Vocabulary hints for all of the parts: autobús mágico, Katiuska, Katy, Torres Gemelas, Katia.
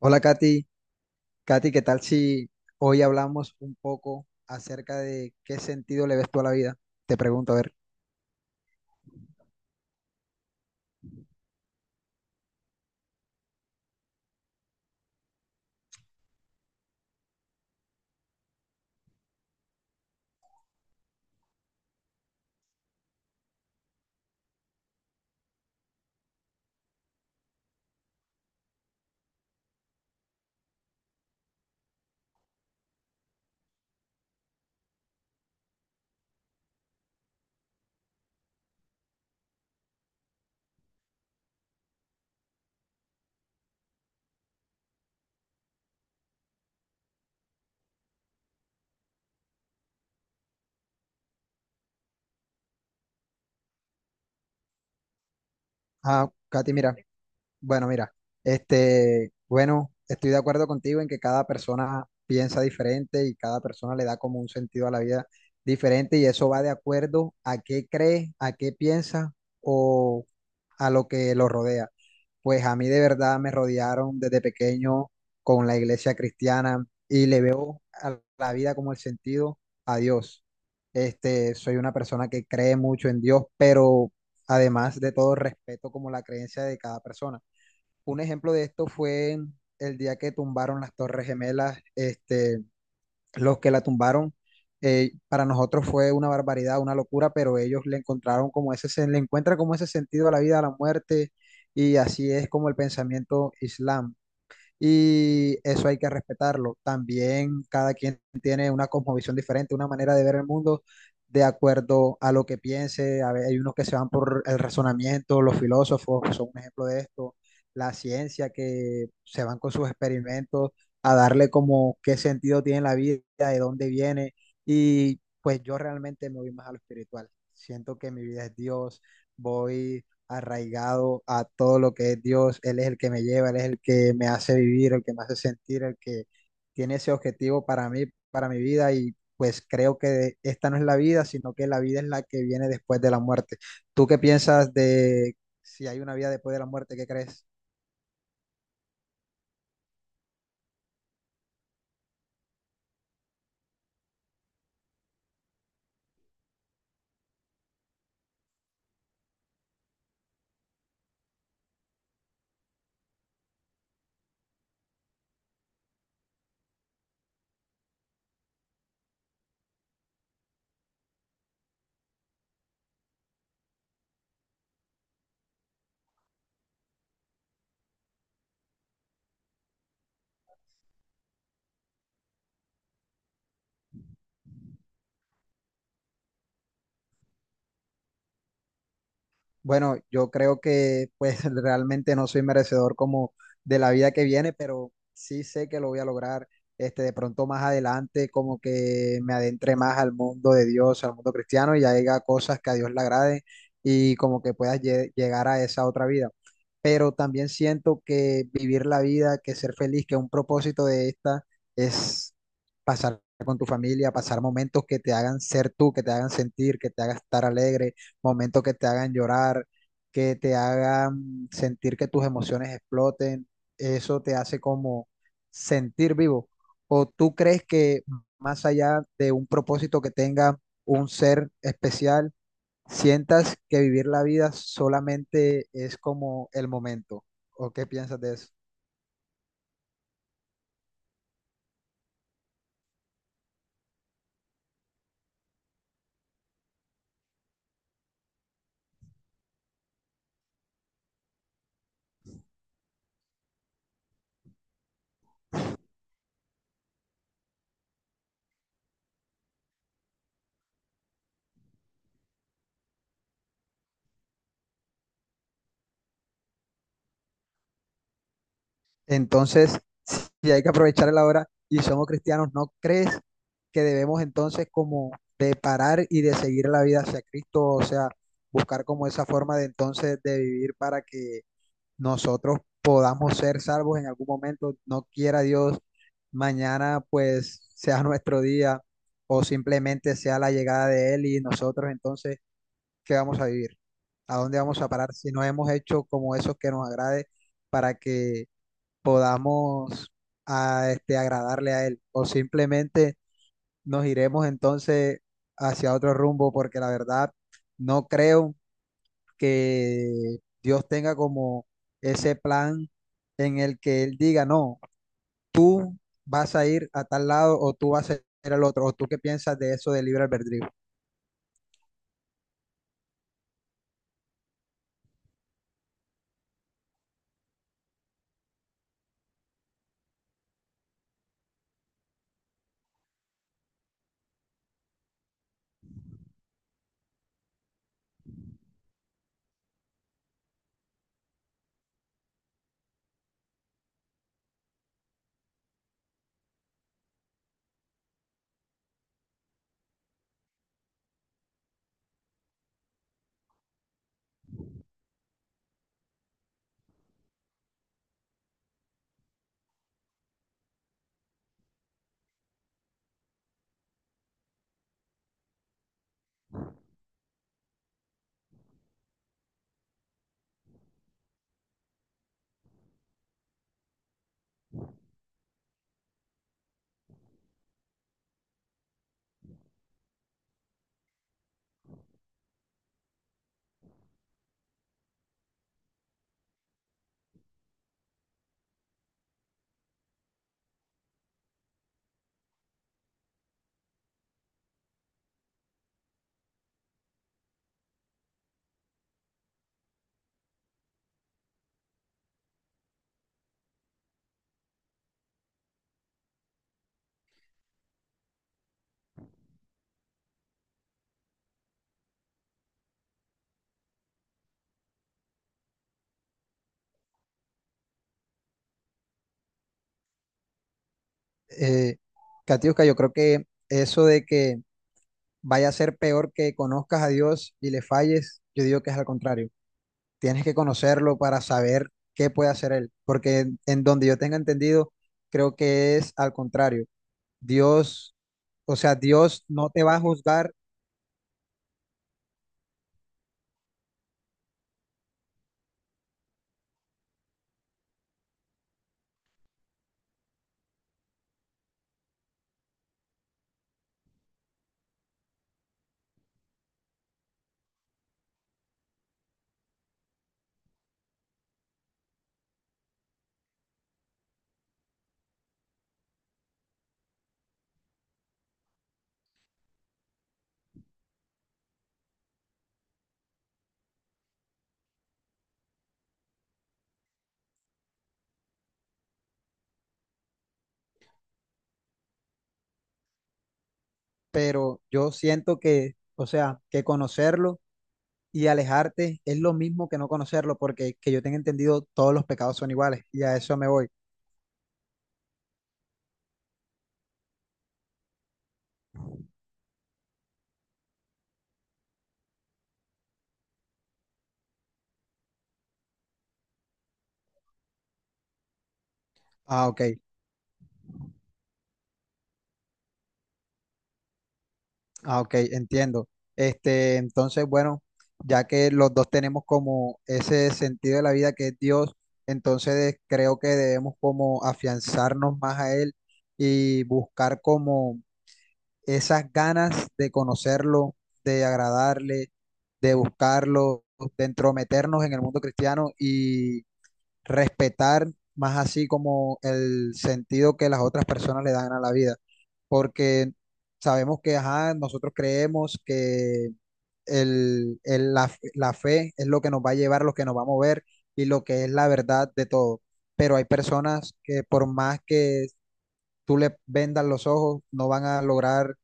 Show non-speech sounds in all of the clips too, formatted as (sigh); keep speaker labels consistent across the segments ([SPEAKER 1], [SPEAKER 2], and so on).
[SPEAKER 1] Hola Katy, Katy, ¿qué tal si hoy hablamos un poco acerca de qué sentido le ves tú a la vida? Te pregunto, a ver. Ah, Katy, mira, bueno, mira, este, bueno, estoy de acuerdo contigo en que cada persona piensa diferente y cada persona le da como un sentido a la vida diferente, y eso va de acuerdo a qué cree, a qué piensa o a lo que lo rodea. Pues a mí de verdad me rodearon desde pequeño con la iglesia cristiana y le veo a la vida como el sentido a Dios. Este, soy una persona que cree mucho en Dios, pero además de todo respeto como la creencia de cada persona. Un ejemplo de esto fue el día que tumbaron las Torres Gemelas, este, los que la tumbaron, para nosotros fue una barbaridad, una locura, pero ellos le encontraron como ese, le encuentran como ese sentido a la vida, a la muerte, y así es como el pensamiento islam, y eso hay que respetarlo. También cada quien tiene una cosmovisión diferente, una manera de ver el mundo de acuerdo a lo que piense. A ver, hay unos que se van por el razonamiento, los filósofos son un ejemplo de esto, la ciencia que se van con sus experimentos a darle como qué sentido tiene la vida, de dónde viene, y pues yo realmente me voy más a lo espiritual. Siento que mi vida es Dios, voy arraigado a todo lo que es Dios. Él es el que me lleva, Él es el que me hace vivir, el que me hace sentir, el que tiene ese objetivo para mí, para mi vida, y pues creo que esta no es la vida, sino que la vida es la que viene después de la muerte. ¿Tú qué piensas de si hay una vida después de la muerte? ¿Qué crees? Bueno, yo creo que pues (laughs) realmente no soy merecedor como de la vida que viene, pero sí sé que lo voy a lograr. Este, de pronto más adelante, como que me adentre más al mundo de Dios, al mundo cristiano, y haga cosas que a Dios le agrade y como que puedas llegar a esa otra vida. Pero también siento que vivir la vida, que ser feliz, que un propósito de esta es pasar con tu familia, pasar momentos que te hagan ser tú, que te hagan sentir, que te hagan estar alegre, momentos que te hagan llorar, que te hagan sentir que tus emociones exploten, eso te hace como sentir vivo. ¿O tú crees que más allá de un propósito que tenga un ser especial, sientas que vivir la vida solamente es como el momento? ¿O qué piensas de eso? Entonces, si hay que aprovechar la hora y somos cristianos, ¿no crees que debemos entonces como de parar y de seguir la vida hacia Cristo? O sea, buscar como esa forma de entonces de vivir para que nosotros podamos ser salvos en algún momento. No quiera Dios, mañana pues sea nuestro día o simplemente sea la llegada de Él, y nosotros entonces, ¿qué vamos a vivir? ¿A dónde vamos a parar si no hemos hecho como eso que nos agrade para que podamos a, este, agradarle a él, o simplemente nos iremos entonces hacia otro rumbo? Porque la verdad no creo que Dios tenga como ese plan en el que él diga, no, vas a ir a tal lado o tú vas a ir al otro. ¿O tú qué piensas de eso de libre albedrío? Eh, Katiuska, yo creo que eso de que vaya a ser peor que conozcas a Dios y le falles, yo digo que es al contrario. Tienes que conocerlo para saber qué puede hacer él, porque en donde yo tenga entendido, creo que es al contrario. Dios, o sea, Dios no te va a juzgar, pero yo siento que, o sea, que conocerlo y alejarte es lo mismo que no conocerlo, porque que yo tenga entendido, todos los pecados son iguales y a eso me voy. Ah, ok. Ah, ok, entiendo. Este, entonces, bueno, ya que los dos tenemos como ese sentido de la vida que es Dios, entonces creo que debemos como afianzarnos más a Él y buscar como esas ganas de conocerlo, de agradarle, de buscarlo, de entrometernos en el mundo cristiano, respetar más así como el sentido que las otras personas le dan a la vida, porque sabemos que, ajá, nosotros creemos que la fe es lo que nos va a llevar, lo que nos va a mover y lo que es la verdad de todo, pero hay personas que por más que tú le vendas los ojos, no van a lograr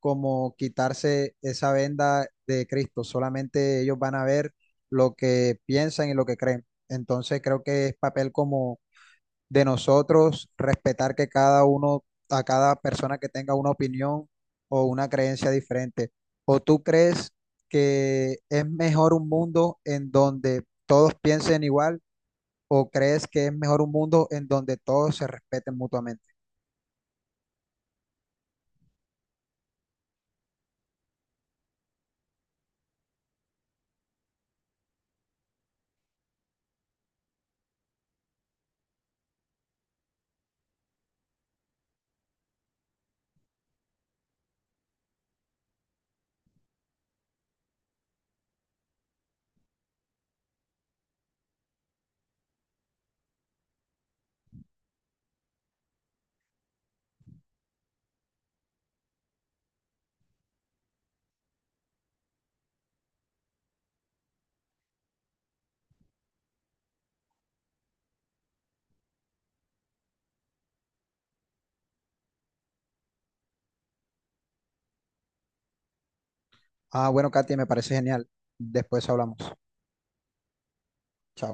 [SPEAKER 1] como quitarse esa venda de Cristo, solamente ellos van a ver lo que piensan y lo que creen. Entonces creo que es papel como de nosotros respetar que cada uno, a cada persona que tenga una opinión o una creencia diferente. ¿O tú crees que es mejor un mundo en donde todos piensen igual o crees que es mejor un mundo en donde todos se respeten mutuamente? Ah, bueno, Katia, me parece genial. Después hablamos. Chao.